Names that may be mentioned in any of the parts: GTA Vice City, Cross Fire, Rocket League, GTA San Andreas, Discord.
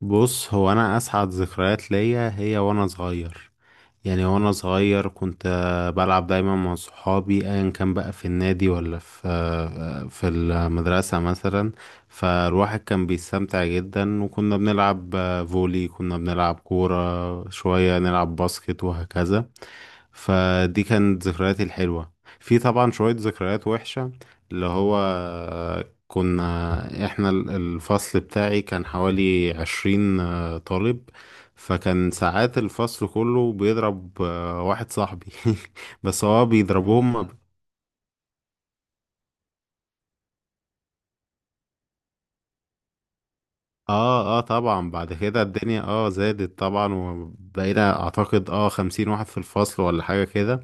بص، هو انا اسعد ذكريات ليا هي وانا صغير. وانا صغير كنت بلعب دايما مع صحابي ايا كان بقى في النادي ولا في في المدرسة مثلا. فالواحد كان بيستمتع جدا، وكنا بنلعب فولي، كنا بنلعب كورة، شوية نلعب باسكت وهكذا. فدي كانت ذكرياتي الحلوة. في طبعا شوية ذكريات وحشة، اللي هو كنا احنا الفصل بتاعي كان حوالي 20 طالب، فكان ساعات الفصل كله بيضرب واحد صاحبي. بس هو بيضربهم. اه، طبعا بعد كده الدنيا زادت طبعا، وبقينا اعتقد 50 واحد في الفصل ولا حاجة كده.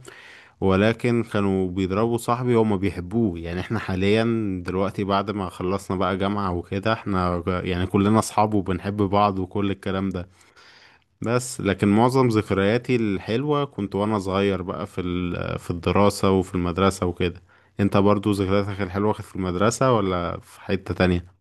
ولكن كانوا بيضربوا صاحبي، هما بيحبوه يعني. احنا حاليا دلوقتي بعد ما خلصنا بقى جامعة وكده، احنا يعني كلنا اصحاب وبنحب بعض وكل الكلام ده. لكن معظم ذكرياتي الحلوة كنت وانا صغير بقى في في الدراسة وفي المدرسة وكده. انت برضو ذكرياتك الحلوة كانت في المدرسة ولا في حتة تانية؟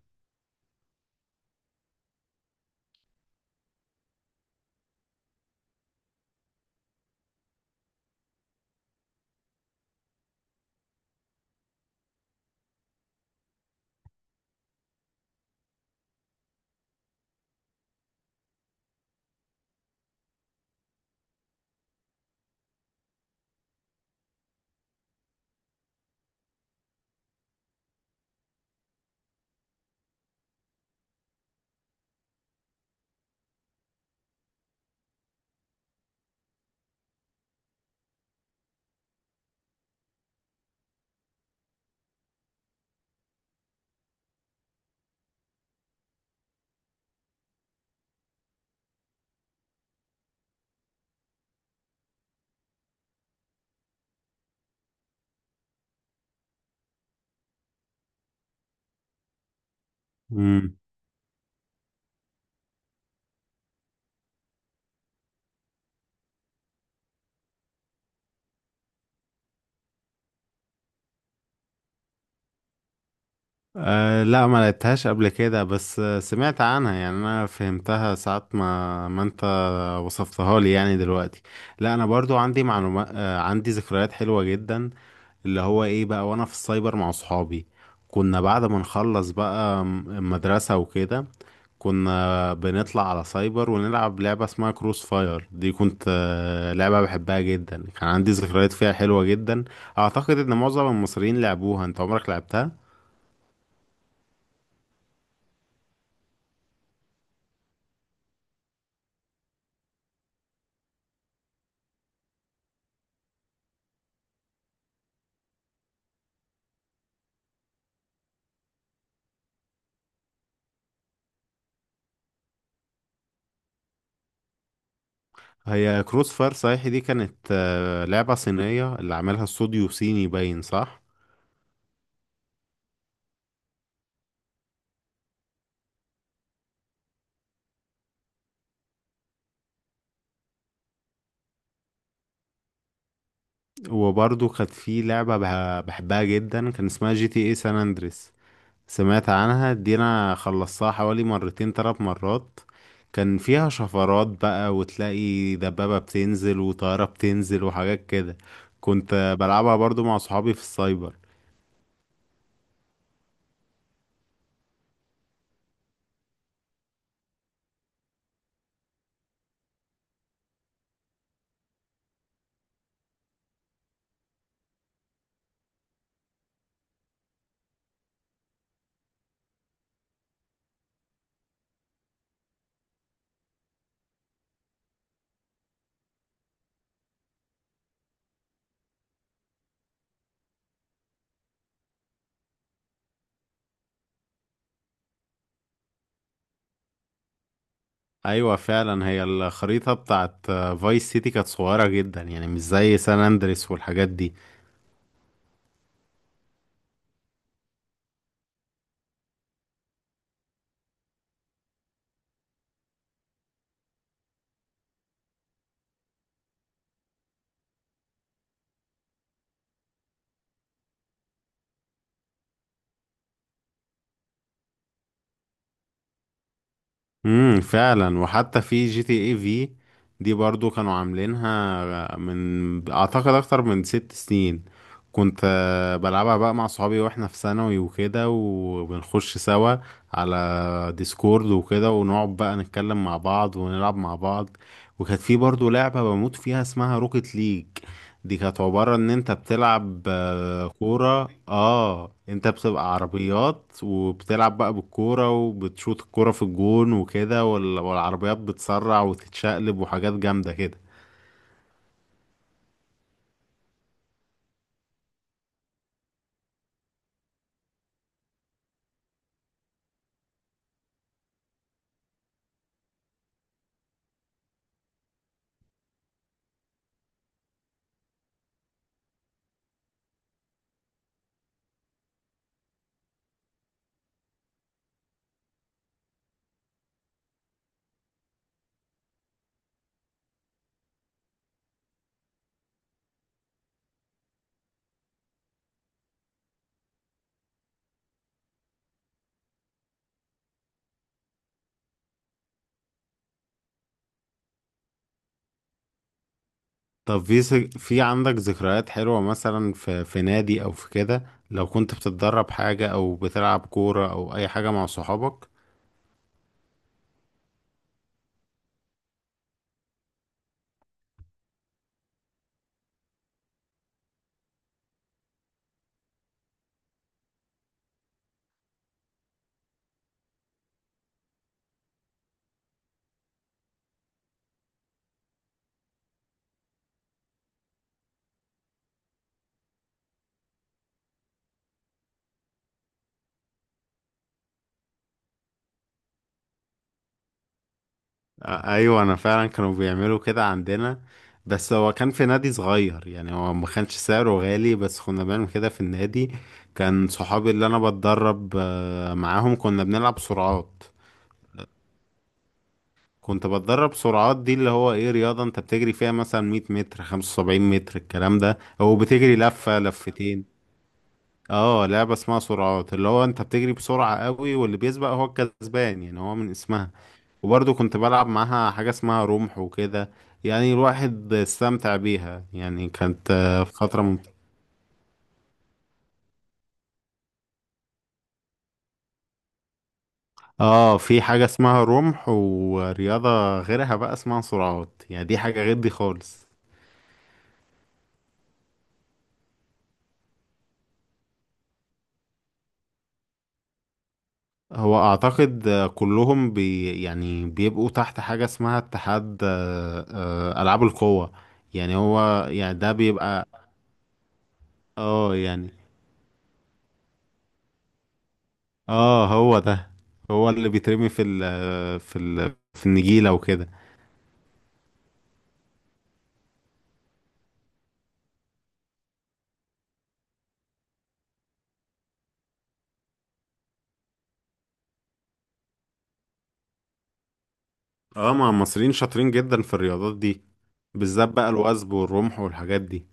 مم. أه لا، ما لعبتهاش قبل كده، بس سمعت عنها. يعني انا فهمتها ساعة ما انت وصفتها لي يعني دلوقتي. لا، انا برضو عندي معلومات، عندي ذكريات حلوة جدا، اللي هو ايه بقى وانا في السايبر مع صحابي. كنا بعد ما نخلص بقى مدرسة وكده، كنا بنطلع على سايبر ونلعب لعبة اسمها كروس فاير. دي كنت لعبة بحبها جدا، كان عندي ذكريات فيها حلوة جدا. اعتقد ان معظم المصريين لعبوها، انت عمرك لعبتها؟ هي كروس فاير، صحيح، دي كانت لعبة صينية، اللي عملها استوديو صيني، باين، صح. وبرضه كانت في لعبة بحبها جدا، كان اسمها جي تي اي سان اندريس، سمعت عنها دي؟ انا خلصتها حوالي 2 3 مرات. كان فيها شفرات بقى، وتلاقي دبابة بتنزل وطيارة بتنزل وحاجات كده. كنت بلعبها برضو مع صحابي في السايبر. ايوه فعلا، هي الخريطة بتاعت فايس سيتي كانت صغيرة جدا يعني، مش زي سان اندريس والحاجات دي. امم، فعلا. وحتى في جي تي اي في، دي برضو كانوا عاملينها من اعتقد اكتر من 6 سنين. كنت بلعبها بقى مع صحابي واحنا في ثانوي وكده، وبنخش سوا على ديسكورد وكده، ونقعد بقى نتكلم مع بعض ونلعب مع بعض. وكانت في برضو لعبة بموت فيها اسمها روكيت ليج، دي كانت عبارة ان انت بتلعب كورة. اه، انت بتبقى عربيات وبتلعب بقى بالكورة، وبتشوط الكورة في الجون وكده، والعربيات بتسرع وتتشقلب وحاجات جامدة كده. طب في في عندك ذكريات حلوة مثلا في في نادي او في كده، لو كنت بتتدرب حاجة او بتلعب كورة او اي حاجة مع صحابك؟ ايوه، انا فعلا كانوا بيعملوا كده عندنا. بس هو كان في نادي صغير، يعني هو ما كانش سعره غالي، بس كنا بنعمل كده في النادي. كان صحابي اللي انا بتدرب معاهم كنا بنلعب سرعات. كنت بتدرب سرعات، دي اللي هو ايه، رياضة انت بتجري فيها مثلا 100 متر، 75 متر الكلام ده، او بتجري لفة لفتين. اه، لعبة اسمها سرعات، اللي هو انت بتجري بسرعة قوي، واللي بيسبق هو الكسبان، يعني هو من اسمها. وبرضه كنت بلعب معاها حاجة اسمها رمح وكده، يعني الواحد استمتع بيها يعني، كانت فترة ممتعة. اه، في حاجة اسمها رمح ورياضة غيرها بقى اسمها سرعات، يعني دي حاجة غير دي خالص. هو اعتقد كلهم يعني بيبقوا تحت حاجة اسمها اتحاد، العاب القوة، يعني هو يعني ده بيبقى. اه يعني، اه هو ده، هو اللي بيترمي في ال في ال في النجيلة وكده. اه، ما المصريين شاطرين جدا في الرياضات دي، بالذات بقى الوثب والرمح والحاجات دي.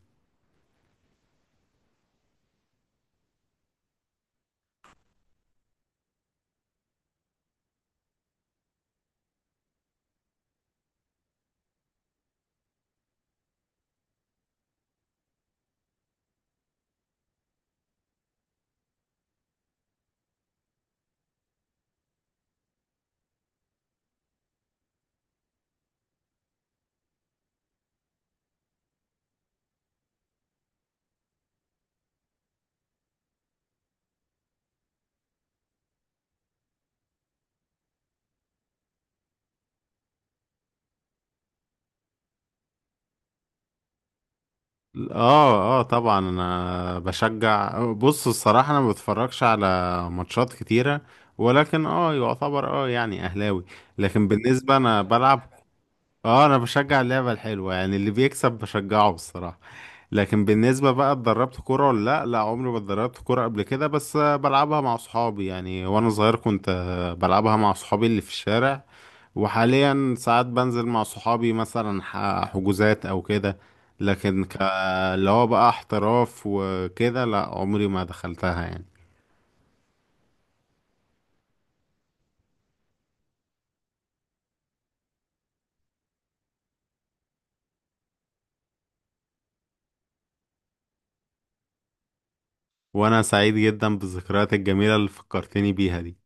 اه، اه طبعا انا بشجع. بص، الصراحة انا ما بتفرجش على ماتشات كتيرة، ولكن اه يعتبر يعني اهلاوي. لكن بالنسبة انا بلعب، اه انا بشجع اللعبة الحلوة يعني، اللي بيكسب بشجعه الصراحة. لكن بالنسبة بقى اتدربت كورة ولا لا، لا عمري ما اتدربت كورة قبل كده، بس بلعبها مع صحابي. يعني وانا صغير كنت بلعبها مع صحابي اللي في الشارع، وحاليا ساعات بنزل مع صحابي مثلا حجوزات او كده. لكن ك... اللي هو بقى احتراف وكده، لا عمري ما دخلتها يعني. وانا سعيد جدا بالذكريات الجميلة اللي فكرتني بيها دي.